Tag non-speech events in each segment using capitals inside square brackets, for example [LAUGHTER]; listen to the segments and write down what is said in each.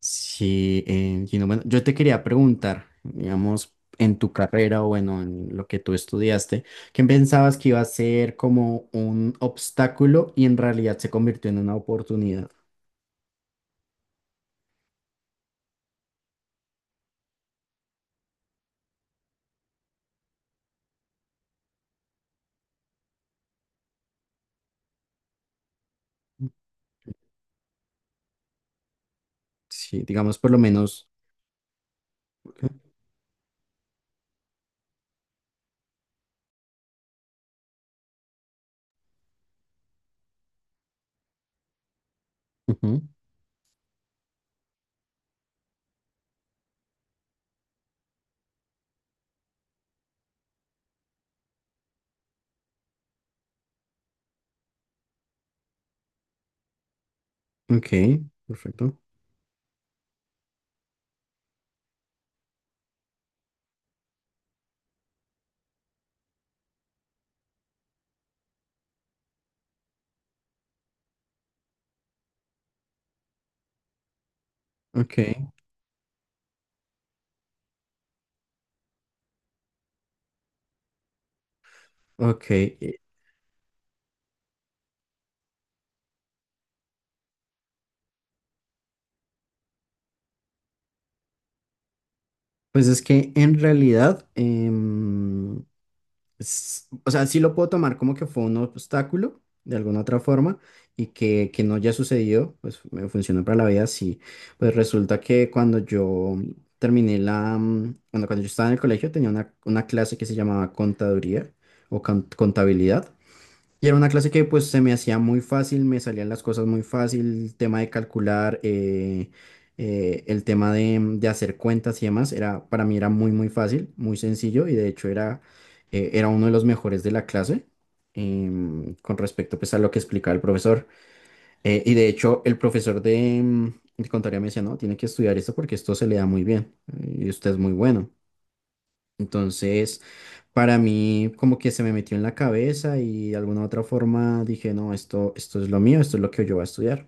Sí, Gino, bueno, yo te quería preguntar, digamos, en tu carrera o bueno, en lo que tú estudiaste, ¿qué pensabas que iba a ser como un obstáculo y en realidad se convirtió en una oportunidad? Sí, digamos, por lo menos. Ujú. Ok, perfecto. Ok, ok. Pues es que en realidad, o sea, sí lo puedo tomar como que fue un obstáculo de alguna otra forma y que no haya sucedido, pues me funcionó para la vida, sí. Pues resulta que cuando yo terminé bueno, cuando yo estaba en el colegio tenía una clase que se llamaba contaduría o contabilidad. Y era una clase que pues se me hacía muy fácil, me salían las cosas muy fácil, el tema de calcular, el tema de, de hacer cuentas y demás, era, para mí era muy muy fácil, muy sencillo y de hecho era, era uno de los mejores de la clase, con respecto pues a lo que explicaba el profesor. Y de hecho el profesor de, de contaría me decía, no, tiene que estudiar esto porque esto se le da muy bien, y usted es muy bueno. Entonces para mí como que se me metió en la cabeza y de alguna otra forma dije, no, esto es lo mío, esto es lo que yo voy a estudiar.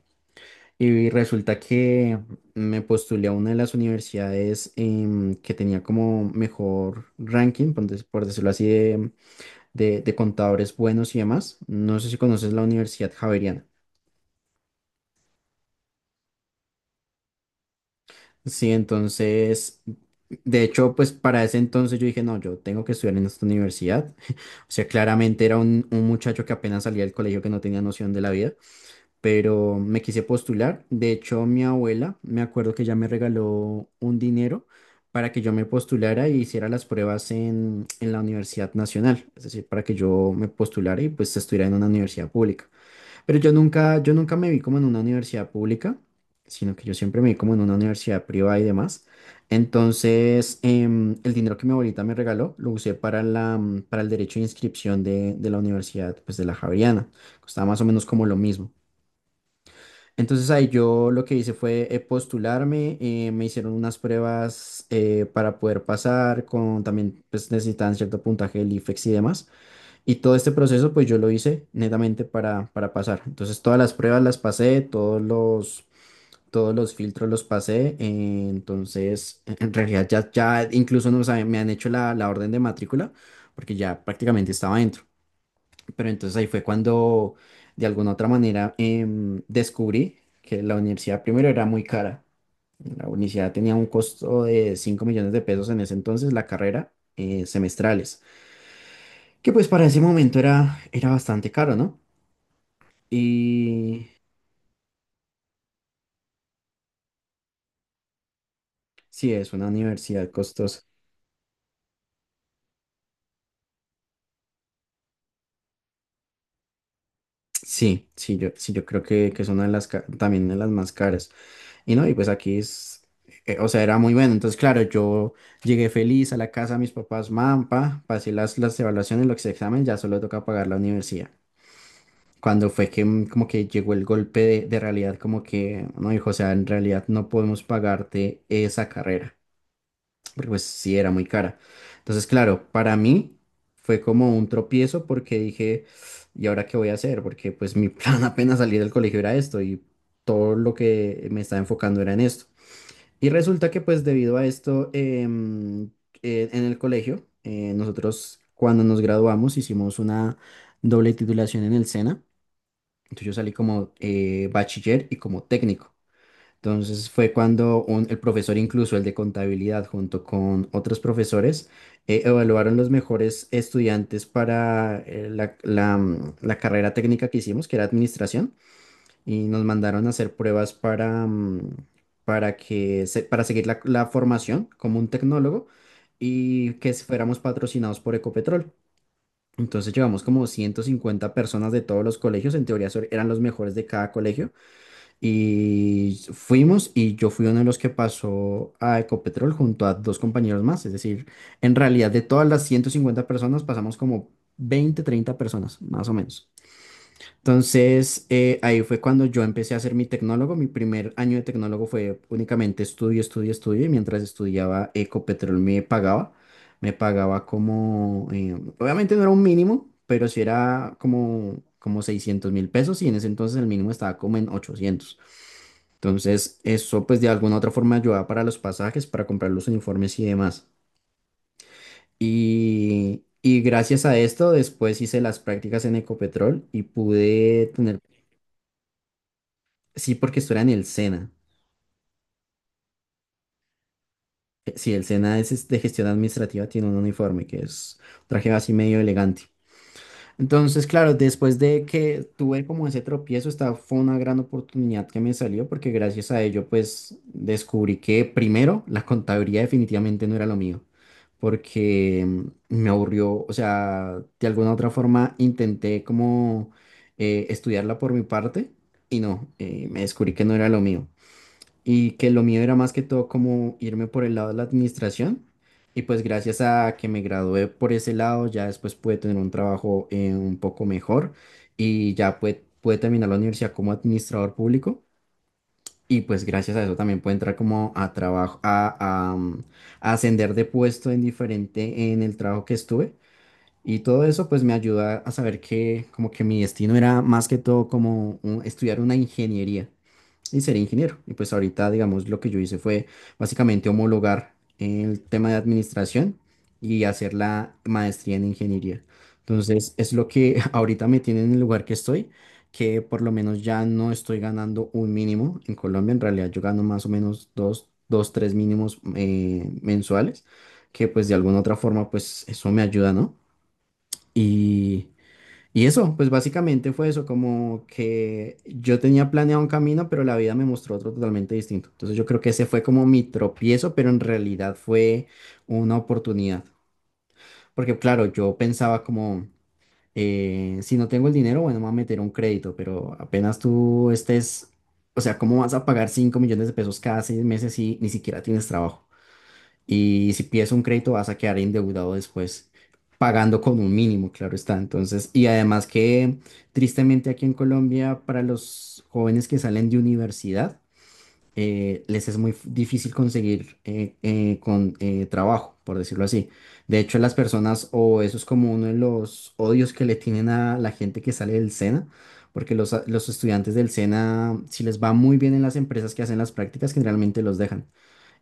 Y resulta que me postulé a una de las universidades, que tenía como mejor ranking, por por decirlo así, de contadores buenos y demás. No sé si conoces la Universidad Javeriana. Sí, entonces, de hecho, pues para ese entonces yo dije, no, yo tengo que estudiar en esta universidad. [LAUGHS] O sea, claramente era un muchacho que apenas salía del colegio que no tenía noción de la vida, pero me quise postular. De hecho, mi abuela, me acuerdo que ella me regaló un dinero para que yo me postulara y hiciera las pruebas en la Universidad Nacional, es decir, para que yo me postulara y pues estuviera en una universidad pública. Pero yo nunca me vi como en una universidad pública, sino que yo siempre me vi como en una universidad privada y demás. Entonces, el dinero que mi abuelita me regaló lo usé para para el derecho de inscripción de la universidad, pues de la Javeriana. Costaba más o menos como lo mismo. Entonces ahí yo lo que hice fue, postularme, me hicieron unas pruebas, para poder pasar, con también pues necesitaban cierto puntaje del IFEX y demás. Y todo este proceso pues yo lo hice netamente para pasar. Entonces todas las pruebas las pasé, todos los filtros los pasé. Entonces en realidad ya incluso no, o sea, me han hecho la orden de matrícula porque ya prácticamente estaba dentro. Pero entonces ahí fue cuando de alguna otra manera, descubrí que la universidad primero era muy cara. La universidad tenía un costo de 5 millones de pesos en ese entonces, la carrera, semestrales, que pues para ese momento era, era bastante caro, ¿no? Y sí, es una universidad costosa. Sí, sí, yo, sí, yo creo que es una de las, también de las más caras. Y no, y pues aquí es, o sea, era muy bueno. Entonces, claro, yo llegué feliz a la casa de mis papás, mampa, pasé las evaluaciones, los exámenes, ya solo toca pagar la universidad. Cuando fue que como que llegó el golpe de realidad, como que, no, hijo, o sea, en realidad no podemos pagarte esa carrera, porque pues sí era muy cara. Entonces, claro, para mí fue como un tropiezo porque dije, ¿y ahora qué voy a hacer? Porque pues mi plan [LAUGHS] apenas salir del colegio era esto y todo lo que me estaba enfocando era en esto. Y resulta que pues debido a esto, en el colegio, nosotros cuando nos graduamos hicimos una doble titulación en el SENA. Entonces yo salí como, bachiller y como técnico. Entonces fue cuando el profesor, incluso el de contabilidad, junto con otros profesores, evaluaron los mejores estudiantes para, la carrera técnica que hicimos, que era administración y nos mandaron a hacer pruebas para que para seguir la formación como un tecnólogo y que fuéramos patrocinados por Ecopetrol. Entonces llevamos como 150 personas de todos los colegios, en teoría eran los mejores de cada colegio, y fuimos y yo fui uno de los que pasó a Ecopetrol junto a dos compañeros más, es decir, en realidad de todas las 150 personas pasamos como 20 o 30 personas, más o menos. Entonces, ahí fue cuando yo empecé a ser mi tecnólogo. Mi primer año de tecnólogo fue únicamente estudio, estudio, estudio. Y mientras estudiaba, Ecopetrol me pagaba. Me pagaba como, obviamente no era un mínimo, pero sí era como, como 600.000 pesos. Y en ese entonces el mínimo estaba como en ochocientos. Entonces, eso pues de alguna u otra forma ayudaba para los pasajes, para comprar los uniformes y demás. Y gracias a esto, después hice las prácticas en Ecopetrol y pude tener. Sí, porque esto era en el SENA. Sí, el SENA es de gestión administrativa, tiene un uniforme que es un traje así medio elegante. Entonces, claro, después de que tuve como ese tropiezo, esta fue una gran oportunidad que me salió porque gracias a ello, pues descubrí que primero la contabilidad definitivamente no era lo mío, porque me aburrió, o sea, de alguna u otra forma intenté como, estudiarla por mi parte y no, me descubrí que no era lo mío, y que lo mío era más que todo como irme por el lado de la administración. Y pues gracias a que me gradué por ese lado, ya después pude tener un trabajo, un poco mejor y ya pude terminar la universidad como administrador público. Y pues gracias a eso también pude entrar como a trabajo, a ascender de puesto en diferente en el trabajo que estuve. Y todo eso pues me ayuda a saber que como que mi destino era más que todo como estudiar una ingeniería y ser ingeniero. Y pues ahorita, digamos, lo que yo hice fue básicamente homologar el tema de administración y hacer la maestría en ingeniería. Entonces, es lo que [LAUGHS] ahorita me tiene en el lugar que estoy, que por lo menos ya no estoy ganando un mínimo en Colombia. En realidad, yo gano más o menos tres mínimos, mensuales, que pues de alguna u otra forma, pues eso me ayuda, ¿no? Y... Y eso, pues básicamente fue eso, como que yo tenía planeado un camino, pero la vida me mostró otro totalmente distinto. Entonces yo creo que ese fue como mi tropiezo, pero en realidad fue una oportunidad. Porque claro, yo pensaba como, si no tengo el dinero, bueno, me voy a meter un crédito, pero apenas tú estés, o sea, ¿cómo vas a pagar 5 millones de pesos cada 6 meses si ni siquiera tienes trabajo? Y si pides un crédito vas a quedar endeudado después, pagando con un mínimo, claro está. Entonces, y además que tristemente aquí en Colombia, para los jóvenes que salen de universidad, les es muy difícil conseguir, trabajo, por decirlo así. De hecho, las personas, o eso es como uno de los odios que le tienen a la gente que sale del SENA, porque los estudiantes del SENA, si les va muy bien en las empresas que hacen las prácticas, generalmente los dejan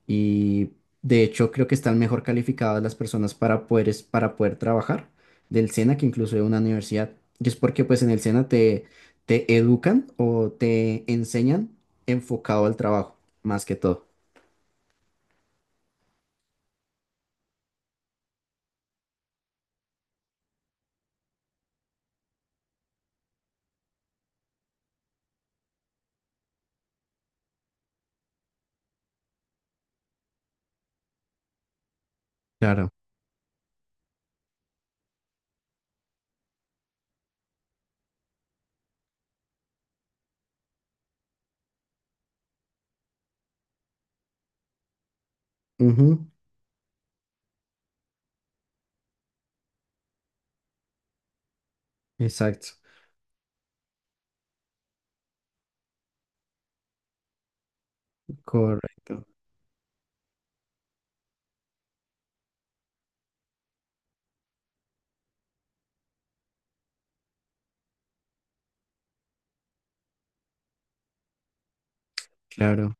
y de hecho creo que están mejor calificadas las personas para poder, para poder trabajar del SENA que incluso de una universidad. Y es porque pues en el SENA te educan o te enseñan enfocado al trabajo, más que todo. Claro. Ujú. Exacto. Correcto. Claro.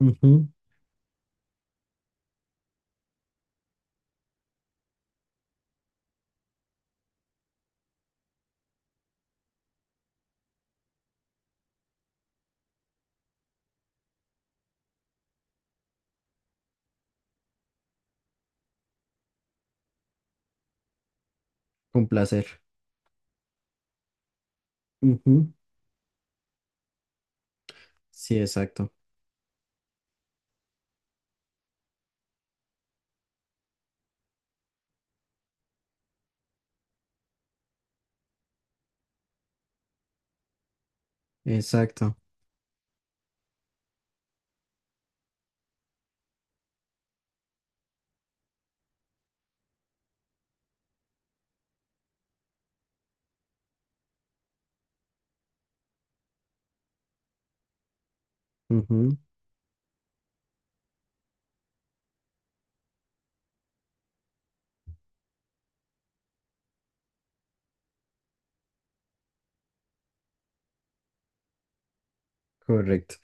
Ujú. Con placer. Ujú. Sí, exacto. Exacto. Ujú. Correcto.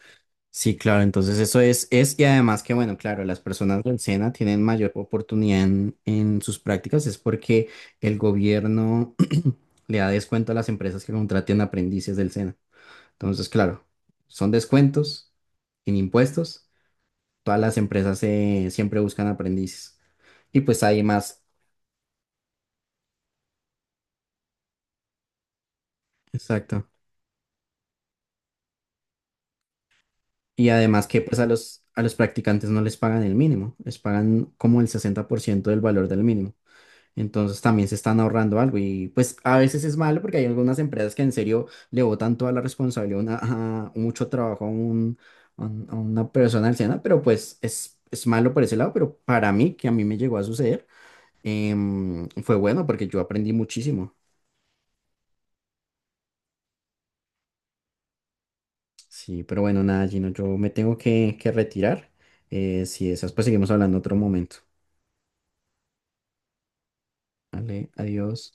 Sí, claro, entonces eso es, y además que bueno, claro, las personas del SENA tienen mayor oportunidad en sus prácticas, es porque el gobierno [CLEARS THROAT] le da descuento a las empresas que contraten aprendices del SENA. Entonces, claro, son descuentos en impuestos, todas las empresas, siempre buscan aprendices. Y pues hay más, exacto. Y además que pues a a los practicantes no les pagan el mínimo, les pagan como el 60% del valor del mínimo. Entonces también se están ahorrando algo y pues a veces es malo porque hay algunas empresas que en serio le botan toda la responsabilidad, a mucho trabajo a una persona anciana, pero pues es malo por ese lado, pero para mí, que a mí me llegó a suceder, fue bueno porque yo aprendí muchísimo. Sí, pero bueno, nada, Gino, yo me tengo que retirar. Si esas, pues seguimos hablando otro momento. Vale, adiós.